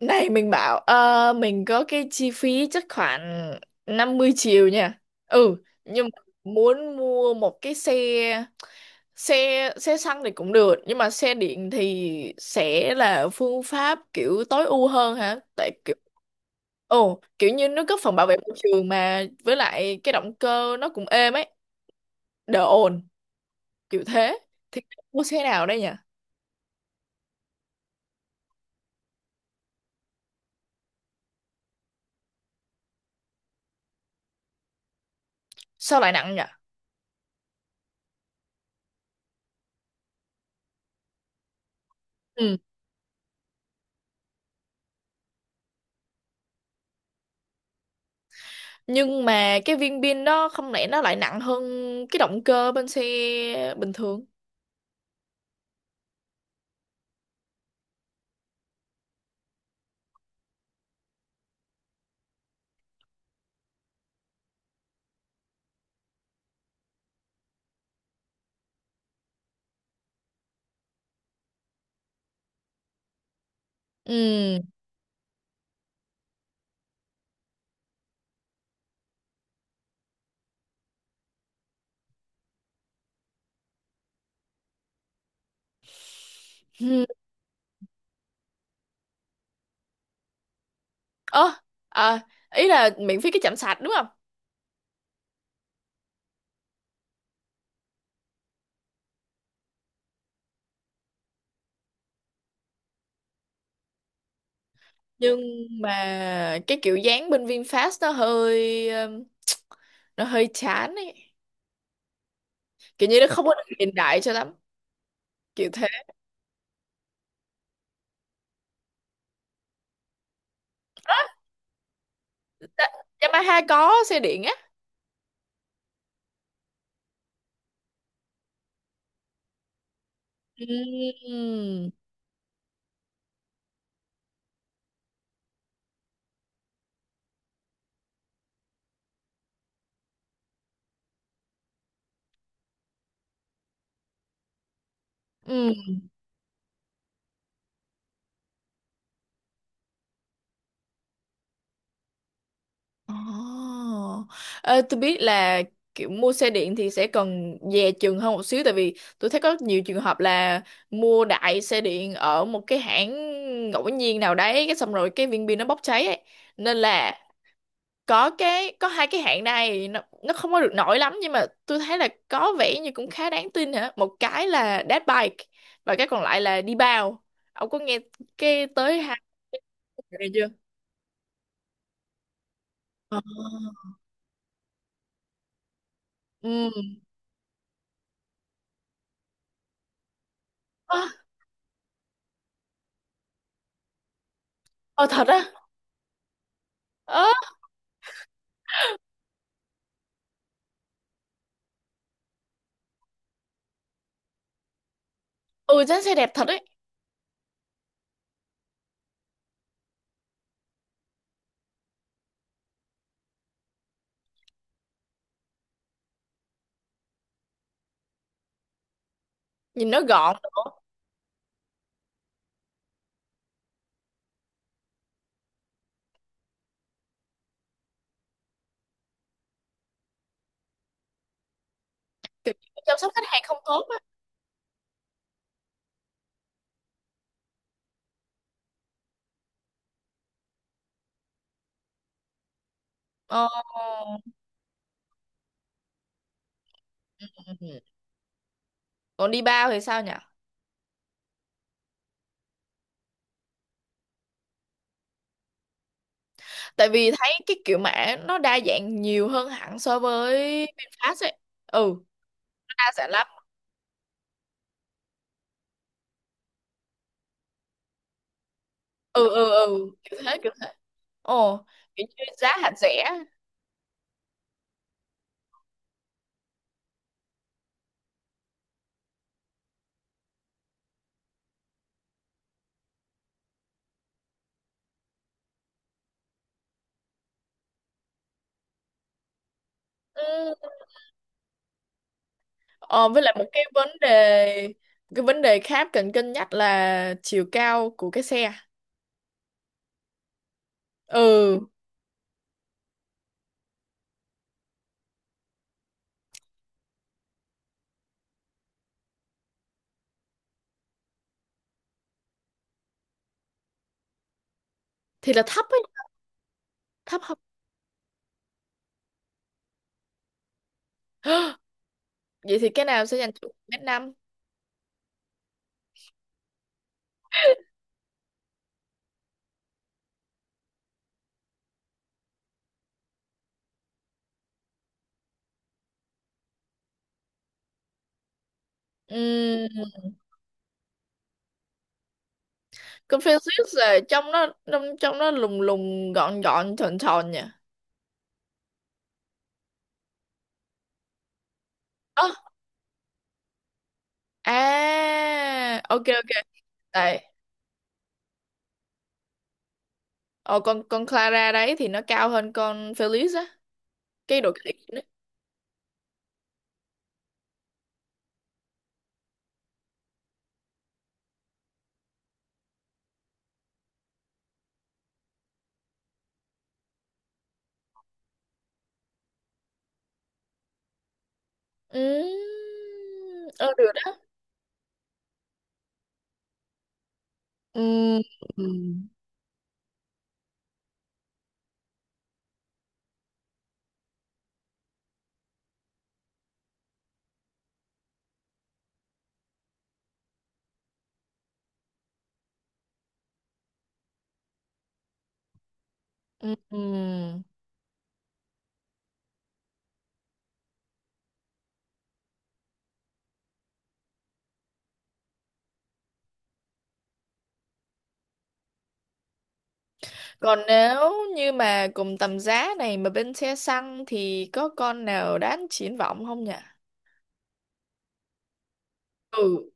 Này mình bảo mình có cái chi phí chắc khoảng 50 triệu nha. Ừ, nhưng mà muốn mua một cái xe xe xe xăng thì cũng được, nhưng mà xe điện thì sẽ là phương pháp kiểu tối ưu hơn hả? Tại kiểu ồ, kiểu như nó góp phần bảo vệ môi trường mà với lại cái động cơ nó cũng êm ấy, đỡ ồn, kiểu thế. Thì mua xe nào đây nhỉ? Sao lại nặng nhỉ? Nhưng mà cái viên pin đó không lẽ nó lại nặng hơn cái động cơ bên xe bình thường. Ừ ừ. Ơ, à, ý là miễn phí cái chạm sạc đúng không? Nhưng mà cái kiểu dáng bên VinFast nó hơi chán ấy, kiểu như nó không có được hiện đại cho lắm, kiểu thế. Đó, Yamaha có xe điện á? Ừ. Ừ. Oh. Ê, tôi biết là kiểu mua xe điện thì sẽ cần dè chừng hơn một xíu, tại vì tôi thấy có nhiều trường hợp là mua đại xe điện ở một cái hãng ngẫu nhiên nào đấy cái xong rồi cái viên pin nó bốc cháy ấy. Nên là có cái có hai cái hãng này nó không có được nổi lắm nhưng mà tôi thấy là có vẻ như cũng khá đáng tin hả? Một cái là dead bike và cái còn lại là đi bao. Ông có nghe cái tới hai cái này chưa? Ờ. Ừ. Ờ, ờ, thật á. Ờ, ừ, dán xe đẹp thật ấy. Nhìn nó gọn. Kiểu như chăm sóc khách hàng không tốt á? Ờ. Ừ. Còn đi bao thì sao nhỉ? Tại vì thấy cái kiểu mã nó đa dạng nhiều hơn hẳn so với VinFast ấy. Ừ, nó đa dạng lắm. Ừ, kiểu thế kiểu thế. Ồ, kiểu như giá hạt rẻ. Ừ. Ờ, với lại một cái vấn đề, cái vấn đề khác cần cân nhắc là chiều cao của cái xe. Ừ, thì là thấp ấy. Thấp không? Vậy thì cái nào sẽ dành cho 1 mét 5? Confucius là trong nó trong trong nó lùng lùng gọn gọn thon thon nha. Ơ, à, ok ok. Tại ờ con Clara đấy thì nó cao hơn con Felix á, cái độ cái đấy. Ừ. Ờ, được đó. Ừm, ừm, ừm. Còn nếu như mà cùng tầm giá này mà bên xe xăng thì có con nào đáng triển vọng không nhỉ? Ừ.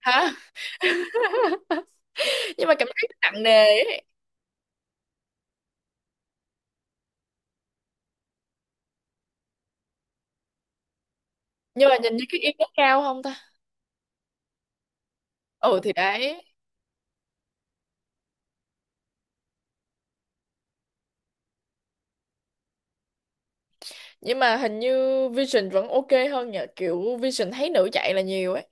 Hả? Nhưng mà cảm thấy nặng nề ấy. Nhưng mà nhìn như cái yên nó cao không ta? Ừ, thì đấy. Nhưng mà hình như Vision vẫn ok hơn, nhờ kiểu Vision thấy nữ chạy là nhiều ấy.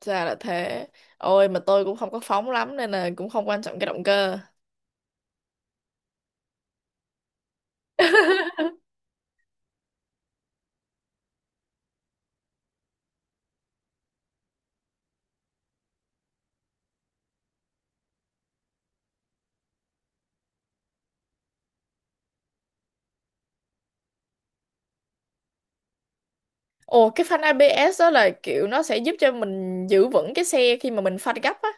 Ra là thế. Ôi mà tôi cũng không có phóng lắm nên là cũng không quan trọng cái động cơ. Ồ, cái phanh ABS đó là kiểu nó sẽ giúp cho mình giữ vững cái xe khi mà mình phanh gấp á?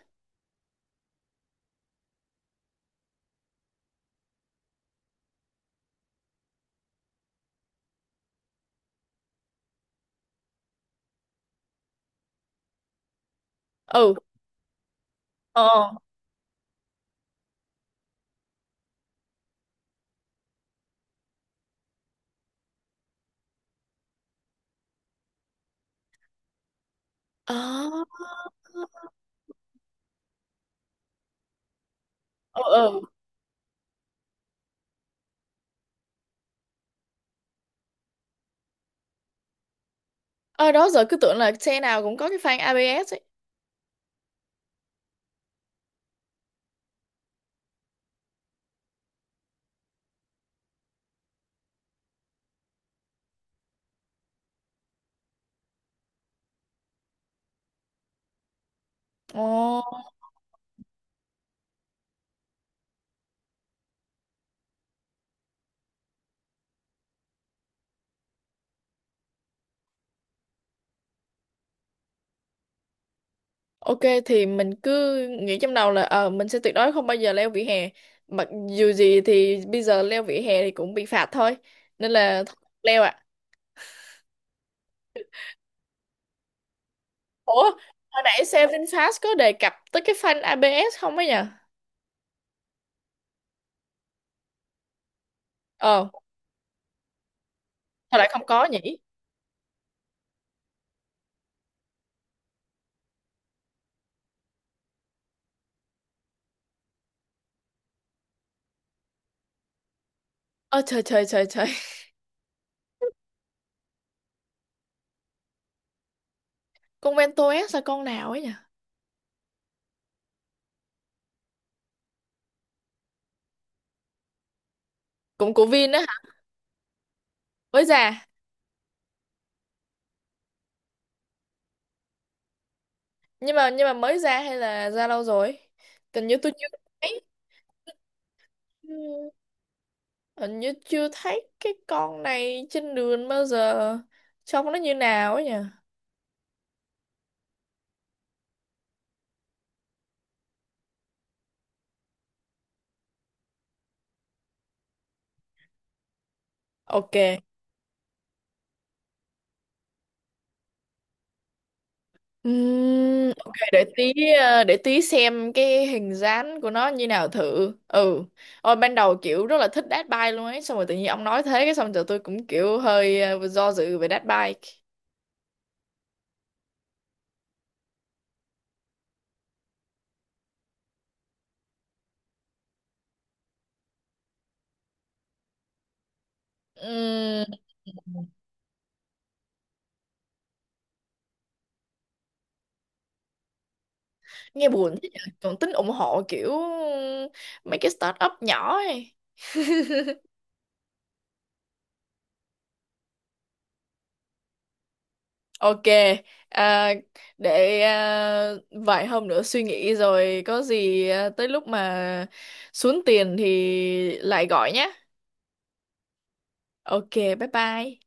Ừ. ờ ờ ờ ờ ờ Đó giờ cứ tưởng là xe nào cũng có cái phanh ABS ấy. Ồ. Ok thì mình cứ nghĩ trong đầu là mình sẽ tuyệt đối không bao giờ leo vỉa hè. Mặc dù gì thì bây giờ leo vỉa hè thì cũng bị phạt thôi. Nên là thôi, leo ạ. Ủa, hồi nãy Seven Fast có đề cập tới cái phanh ABS không ấy nhỉ? Ờ, sao lại không có nhỉ? Ơ trời trời trời trời. Con Vento S là con nào ấy nhỉ? Cũng của Vin á hả? Mới ra. Nhưng mà mới ra hay là ra lâu rồi? Tình như tôi chưa thấy. Ừ. Hình như chưa thấy cái con này trên đường bao giờ. Trông nó như nào ấy nhỉ? Ok. Ok, để tí, để tí xem cái hình dáng của nó như nào thử. Ừ. Ôi ban đầu kiểu rất là thích dead bike luôn ấy. Xong rồi tự nhiên ông nói thế cái xong rồi tôi cũng kiểu hơi do dự về dead bike. Ừm. Nghe buồn thế nhỉ. Còn tính ủng hộ kiểu mấy cái startup nhỏ ấy. Ok, à, để vài hôm nữa suy nghĩ rồi có gì tới lúc mà xuống tiền thì lại gọi nhé. Ok, bye bye.